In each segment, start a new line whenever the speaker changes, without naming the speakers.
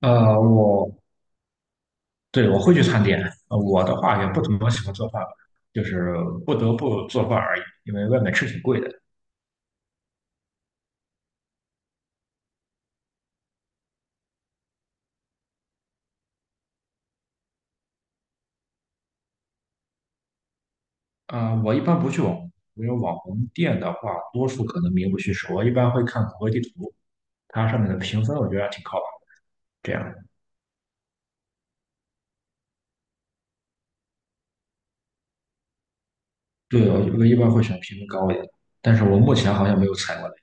我对，我会去餐点。我的话也不怎么喜欢做饭吧，就是不得不做饭而已，因为外面吃挺贵的。我一般不去网红，因为网红店的话，多数可能名不虚实。我一般会看谷歌地图，它上面的评分我觉得还挺靠谱。这样，对，我一般会选评分高一点的，但是我目前好像没有踩过雷。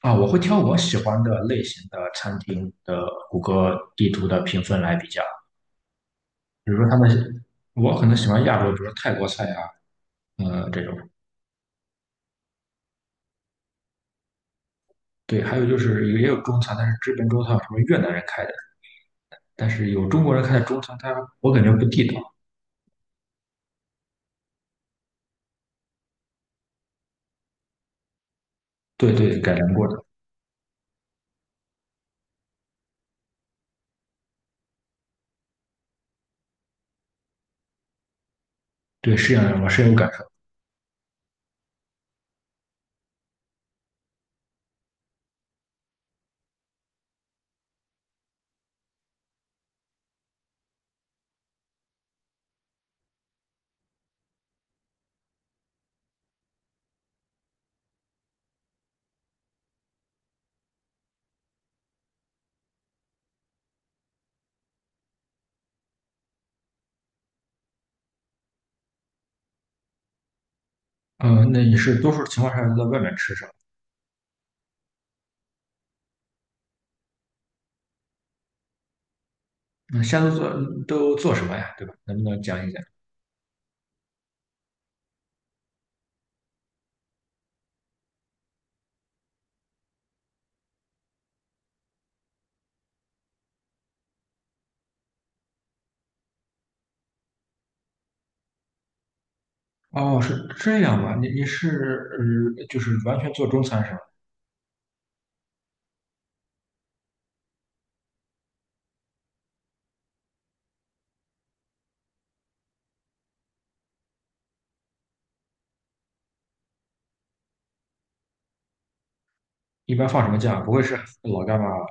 我会挑我喜欢的类型的餐厅的谷歌地图的评分来比较，比如说他们，我可能喜欢亚洲，比如说泰国菜啊，这种。对，还有就是也有中餐，但是这边中餐有什么越南人开的，但是有中国人开的中餐，它我感觉不地道。对对，改良过的，对，是这样的，我深有感受。嗯，那你是多数情况下都在外面吃什么？那现在都做，都做什么呀？对吧？能不能讲一讲？哦，是这样吧？你是就是完全做中餐是吧？一般放什么酱？不会是老干妈吧？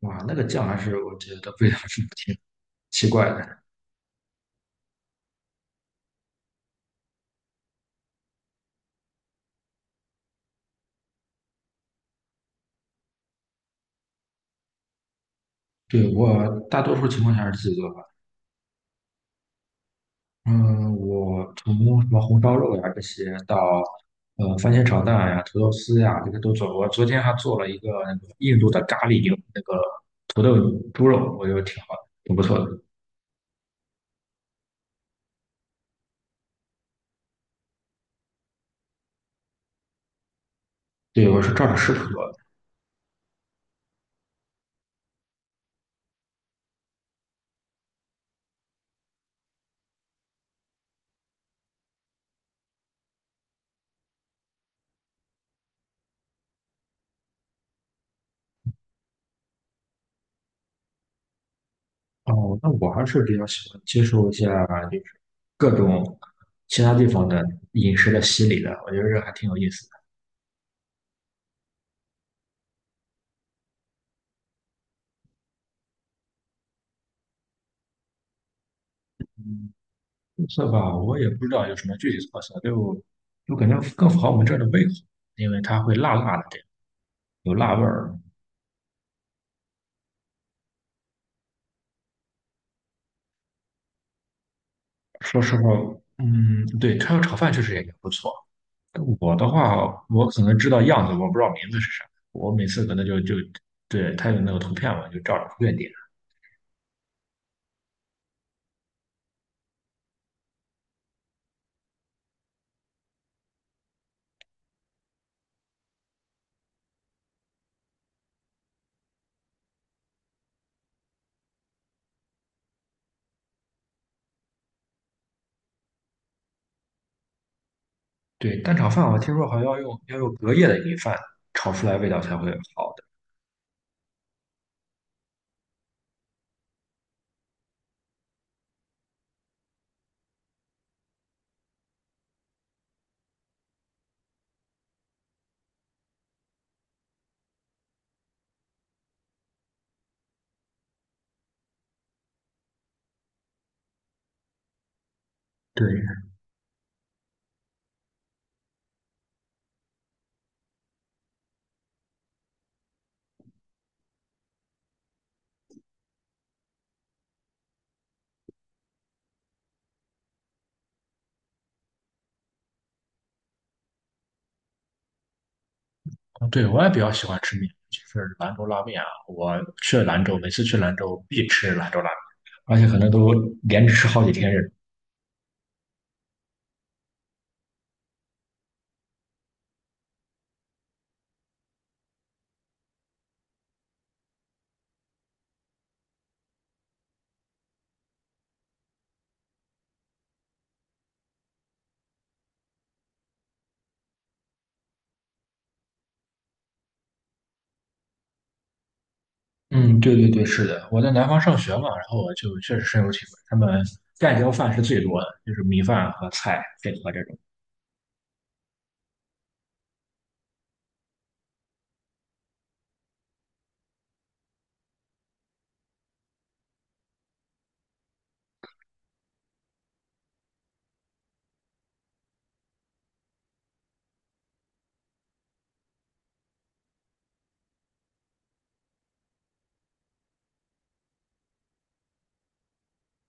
哇，那个酱还是我觉得味道是挺奇怪的。对，我大多数情况下是自己做，嗯，我从什么红烧肉呀这些到番茄炒蛋呀、土豆丝呀，这些都做过。我昨天还做了一个那个印度的咖喱牛那个土豆猪肉，我觉得挺好的，挺不错的。对，我是照着食谱做的。哦，那我还是比较喜欢接受一下，就是各种其他地方的饮食的洗礼的，我觉得这还挺有意思的。特色吧，我也不知道有什么具体特色，就感觉更符合我们这儿的胃口，因为它会辣辣的，有辣味儿。说实话，嗯，对，他要炒饭确实也不错。我的话，我可能知道样子，我不知道名字是啥。我每次可能就对他有那个图片嘛，就照着图片点。对，蛋炒饭我听说好像要用隔夜的米饭炒出来味道才会好的。对，对，我也比较喜欢吃面，就是兰州拉面啊。我去兰州，每次去兰州必吃兰州拉面，而且可能都连着吃好几天。嗯，对对对，是的，我在南方上学嘛，然后我就确实深有体会，他们盖浇饭是最多的，就是米饭和菜配合这种。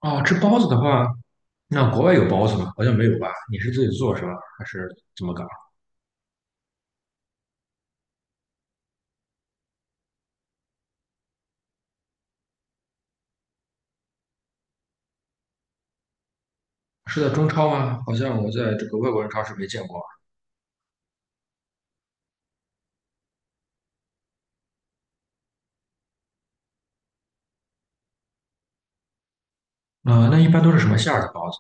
哦，吃包子的话，那国外有包子吗？好像没有吧？你是自己做是吧？还是怎么搞？是在中超吗？好像我在这个外国人超市没见过。那一般都是什么馅儿的包子？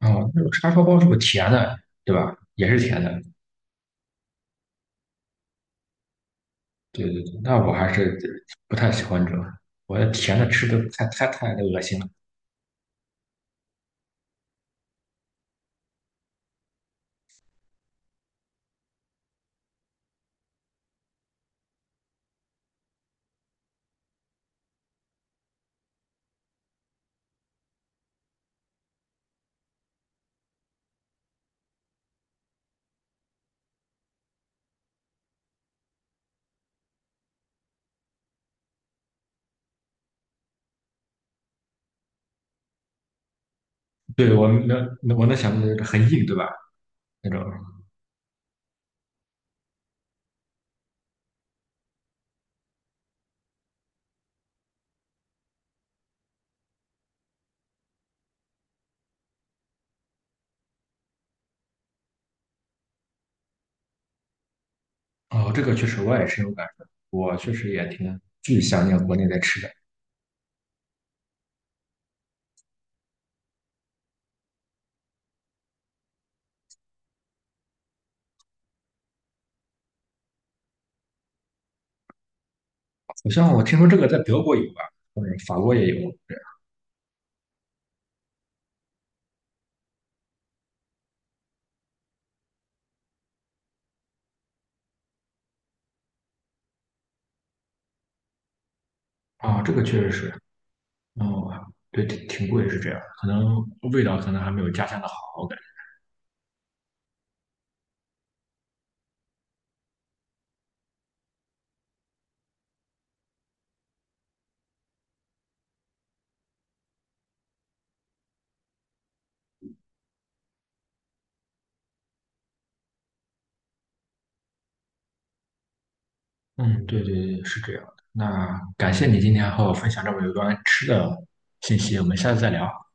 哦，那种叉烧包是不是甜的，对吧？也是甜的。对对对，那我还是不太喜欢这种，我甜的吃的太恶心了。对，我能，我能想到就是很硬，对吧？那种，哦，这个确实我也深有感受，我确实也挺巨想念国内的吃的。好像我听说这个在德国有吧，嗯，法国也有。对，这个确实是，哦，对，挺贵是这样，可能味道可能还没有家乡的好，我感觉。嗯，对对对，是这样的。那感谢你今天和我分享这么有关吃的信息，我们下次再聊。